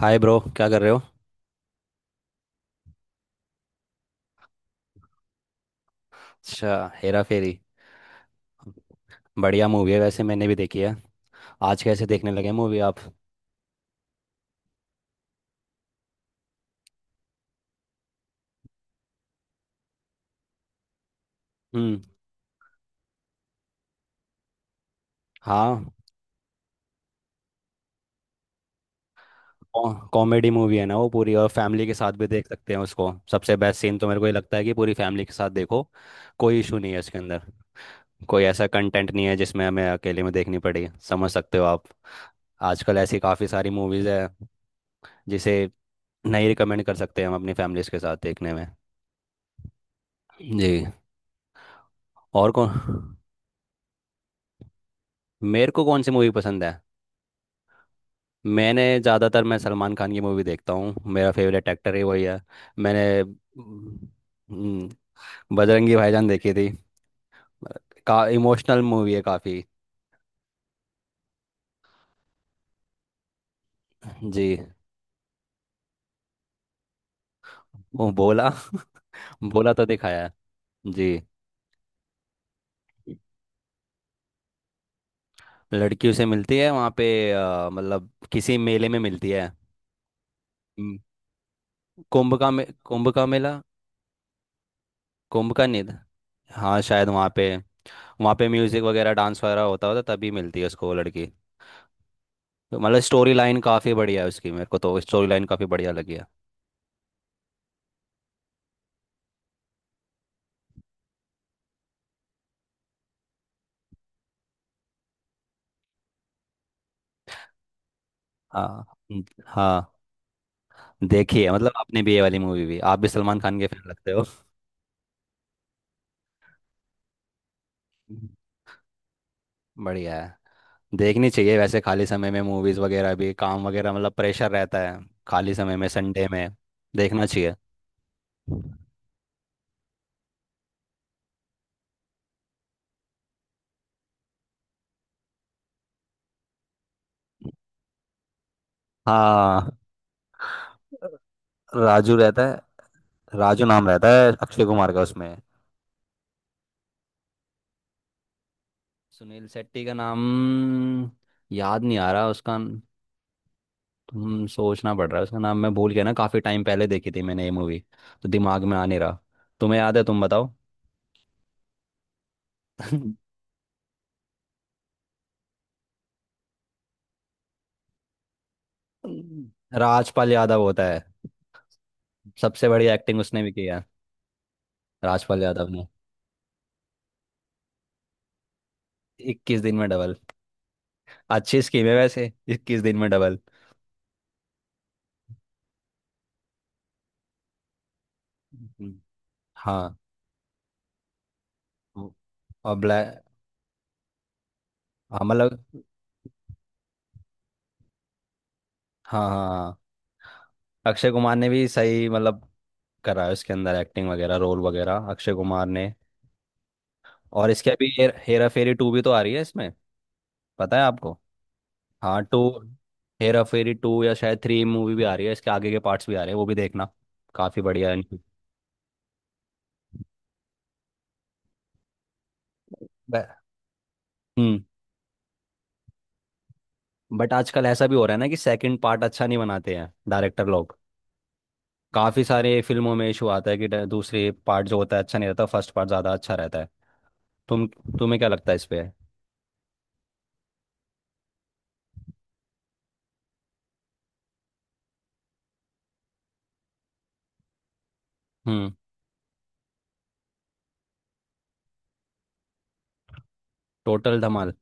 हाय bro, क्या कर रहे हो? अच्छा। हेरा फेरी। बढ़िया मूवी है वैसे, मैंने भी देखी है। आज कैसे देखने लगे मूवी आप? हम्म। हाँ। कॉमेडी मूवी है ना वो पूरी, और फैमिली के साथ भी देख सकते हैं उसको। सबसे बेस्ट सीन तो मेरे को ये लगता है कि पूरी फैमिली के साथ देखो। कोई इशू नहीं है इसके अंदर। कोई ऐसा कंटेंट नहीं है जिसमें हमें अकेले में देखनी पड़े, समझ सकते हो आप? आजकल ऐसी काफ़ी सारी मूवीज़ है जिसे नहीं रिकमेंड कर सकते हम अपनी फैमिलीज के साथ देखने में। जी। और कौन, मेरे को कौन सी मूवी पसंद है? मैंने ज़्यादातर मैं सलमान खान की मूवी देखता हूँ, मेरा फेवरेट एक्टर ही वही है। मैंने हम्म, बजरंगी भाईजान देखी थी। का इमोशनल मूवी है काफ़ी। जी। वो बोला बोला तो दिखाया है। जी। लड़कियों से मिलती है वहाँ पे। मतलब किसी मेले में मिलती है। हम्म, कुंभ का मेला। कुंभ का निध। हाँ शायद वहाँ पे। वहाँ पे म्यूजिक वगैरह डांस वगैरह होता होता तभी मिलती है उसको वो लड़की। तो मतलब स्टोरी लाइन काफी बढ़िया है उसकी, मेरे को तो स्टोरी लाइन काफी बढ़िया लगी है। हाँ। हाँ। देखिए, मतलब आपने भी ये वाली मूवी भी, आप भी सलमान खान के फैन लगते हो। हम्म। बढ़िया है। देखनी चाहिए वैसे खाली समय में मूवीज वगैरह भी, काम वगैरह मतलब प्रेशर रहता है। खाली समय में संडे में देखना चाहिए। हाँ राजू रहता है। राजू नाम रहता है अक्षय कुमार का उसमें। सुनील शेट्टी का नाम याद नहीं आ रहा उसका। सोचना पड़ रहा है उसका नाम, मैं भूल गया ना, काफी टाइम पहले देखी थी मैंने ये मूवी। तो दिमाग में आ नहीं रहा। तुम्हें याद है? तुम बताओ। राजपाल यादव होता है। सबसे बड़ी एक्टिंग उसने भी किया है, राजपाल यादव ने। इक्कीस दिन में डबल। अच्छी स्कीम है वैसे, इक्कीस दिन में डबल। हम्म। हाँ। वो- और ब्लैक। हाँ मतलब। हाँ हाँ हाँ। अक्षय कुमार ने भी सही मतलब करा है उसके अंदर, एक्टिंग वगैरह रोल वगैरह अक्षय कुमार ने। और इसके अभी हेरा फेरी टू भी तो आ रही है इसमें, पता है आपको? हाँ टू। हेरा फेरी टू या शायद थ्री मूवी भी आ रही है, इसके आगे के पार्ट्स भी आ रहे हैं, वो भी देखना। काफी बढ़िया है इनकी। ब- हम्म। बट आजकल ऐसा भी हो रहा है ना कि सेकंड पार्ट अच्छा नहीं बनाते हैं डायरेक्टर लोग। काफी सारे फिल्मों में इशू आता है कि दूसरे पार्ट जो होता है अच्छा नहीं रहता, फर्स्ट पार्ट ज्यादा अच्छा रहता है। तुम तुम्हें क्या लगता है इस पे? हम्म। टोटल धमाल।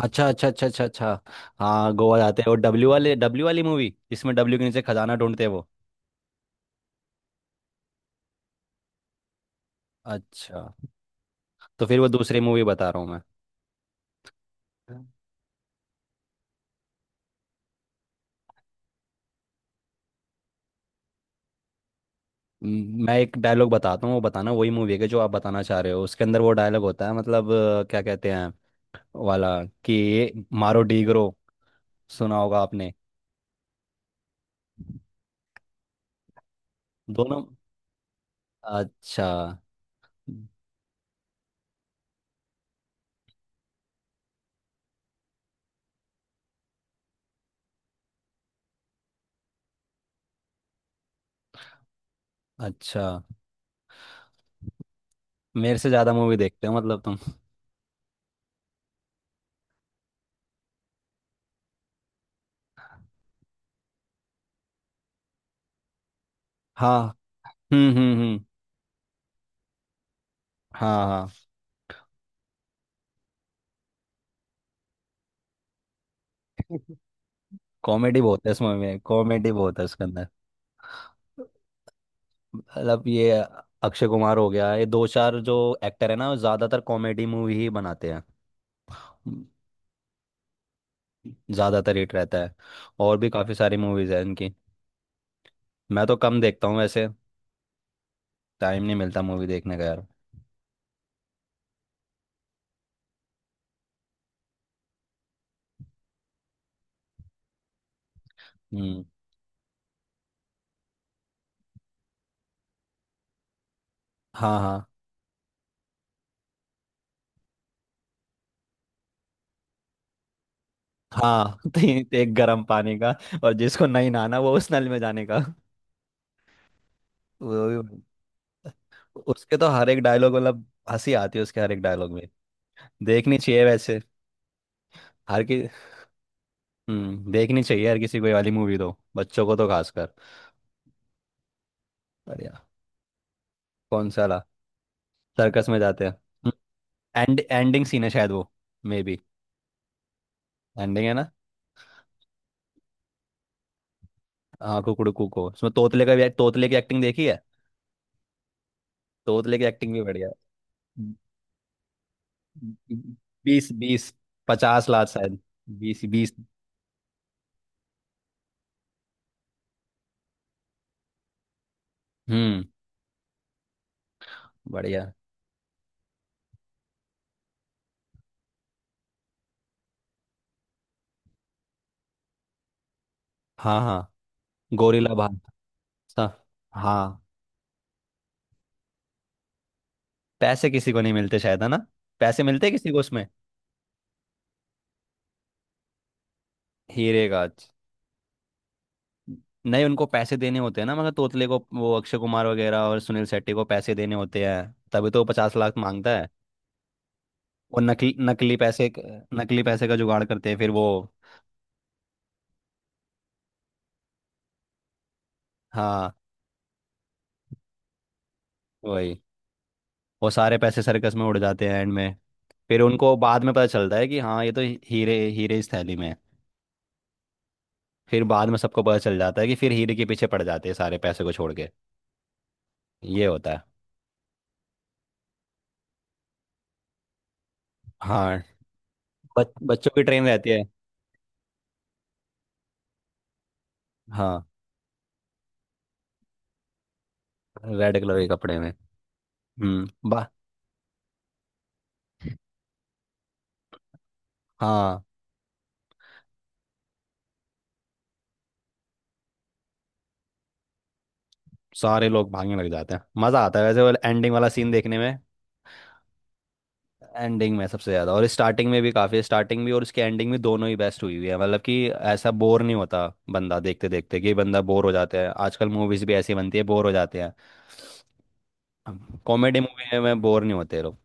अच्छा अच्छा अच्छा अच्छा अच्छा। हाँ गोवा जाते हैं वो, डब्ल्यू वाले, डब्ल्यू वाली मूवी जिसमें डब्ल्यू के नीचे खजाना ढूंढते हैं वो। अच्छा। तो फिर वो दूसरी मूवी बता रहा हूँ मैं। मैं एक डायलॉग बताता हूँ, वो बताना वही मूवी के जो आप बताना चाह रहे हो, उसके अंदर वो डायलॉग होता है मतलब क्या कहते हैं वाला, कि ये मारो डीगरो, सुना होगा आपने? दोनों। अच्छा। अच्छा मेरे से ज्यादा मूवी देखते हो मतलब तुम। हाँ। हम्म। हाँ हाँ। कॉमेडी बहुत है इसमें, में कॉमेडी बहुत है उसके अंदर। मतलब ये अक्षय कुमार हो गया, ये दो चार जो एक्टर है ना वो ज्यादातर कॉमेडी मूवी ही बनाते हैं। ज्यादातर हिट रहता है। और भी काफी सारी मूवीज है इनकी। मैं तो कम देखता हूँ वैसे। टाइम नहीं मिलता मूवी देखने का यार। हम्म। हाँ हाँ हाँ। तो तो एक गर्म पानी का, और जिसको नहीं नहाना वो उस नल में जाने का। वो भी- उसके तो हर एक डायलॉग मतलब हंसी आती है, उसके हर एक डायलॉग में। देखनी चाहिए वैसे। हर की। देखनी चाहिए हर किसी को ये वाली मूवी, तो बच्चों को तो खासकर। कौन सा वाला? सर्कस में जाते हैं? एंड एंडिंग सीन है शायद वो, मे बी। एंडिंग है ना? हाँ कुकड़ू कुको, उसमें तोतले का भी, तोतले की एक्टिंग देखी है। तोतले की एक्टिंग भी बढ़िया। है। बीस बीस, पचास लाख शायद। बीस बीस। हम्म। बढ़िया। हाँ हाँ, गोरिल्ला भाग। सा- हाँ। पैसे किसी को नहीं मिलते शायद, है ना? पैसे मिलते हैं किसी को उसमें? हीरे गाज। नहीं, उनको पैसे देने होते हैं ना, मगर तोतले को, वो अक्षय कुमार वगैरह और सुनील शेट्टी को पैसे देने होते हैं, तभी तो वो पचास लाख मांगता है। वो नकली नकली पैसे। नकली पैसे का जुगाड़ करते हैं फिर वो। हाँ वही। वो सारे पैसे सर्कस में उड़ जाते हैं एंड में। फिर उनको बाद में पता चलता है कि हाँ, ये तो हीरे हीरे इस थैली में है। फिर बाद में सबको पता चल जाता है कि फिर हीरे के पीछे पड़ जाते हैं सारे, पैसे को छोड़ के। ये होता है। हाँ, बच्चों की ट्रेन रहती है। हाँ, रेड कलर के कपड़े में। बा। हाँ। सारे लोग भागने लग जाते हैं, मज़ा आता है वैसे वो एंडिंग वाला सीन देखने में। एंडिंग में सबसे ज़्यादा, और स्टार्टिंग में भी काफ़ी, स्टार्टिंग भी और इसकी एंडिंग भी दोनों ही बेस्ट हुई हुई है, मतलब कि ऐसा बोर नहीं होता बंदा देखते देखते, कि बंदा बोर हो जाता है। आजकल मूवीज़ भी ऐसी बनती है, बोर हो जाते हैं। कॉमेडी मूवी में बोर नहीं होते लोग।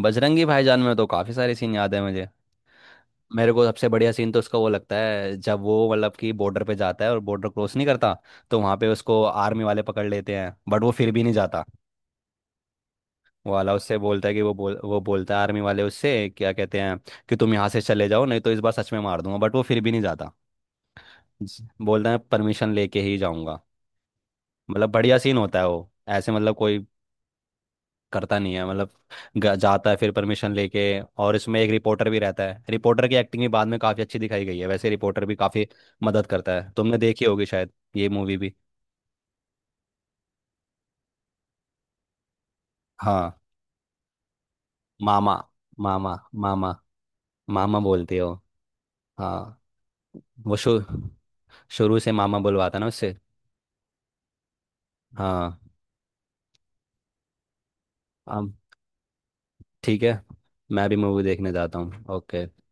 बजरंगी भाईजान में तो काफ़ी सारे सीन याद है मुझे। मेरे को सबसे बढ़िया सीन तो उसका वो लगता है जब वो मतलब कि बॉर्डर पे जाता है और बॉर्डर क्रॉस नहीं करता, तो वहाँ पे उसको आर्मी वाले पकड़ लेते हैं, बट वो फिर भी नहीं जाता। वाला उससे बोलता है कि वो बोलता है, आर्मी वाले उससे क्या कहते हैं, कि तुम यहाँ से चले जाओ नहीं तो इस बार सच में मार दूंगा, बट वो फिर भी नहीं जाता। जी। बोलता है परमिशन लेके ही जाऊंगा। मतलब बढ़िया सीन होता है वो, ऐसे मतलब कोई करता नहीं है मतलब, जाता है फिर परमिशन लेके। और इसमें एक रिपोर्टर भी रहता है, रिपोर्टर की एक्टिंग भी बाद में काफ़ी अच्छी दिखाई गई है वैसे, रिपोर्टर भी काफ़ी मदद करता है। तुमने देखी होगी शायद ये मूवी भी। हाँ मामा। मामा मामा। मामा बोलते हो? हाँ। वो शुरू से मामा बुलवाता ना उससे। हाँ। अब ठीक है। मैं भी मूवी देखने जाता हूँ। ओके।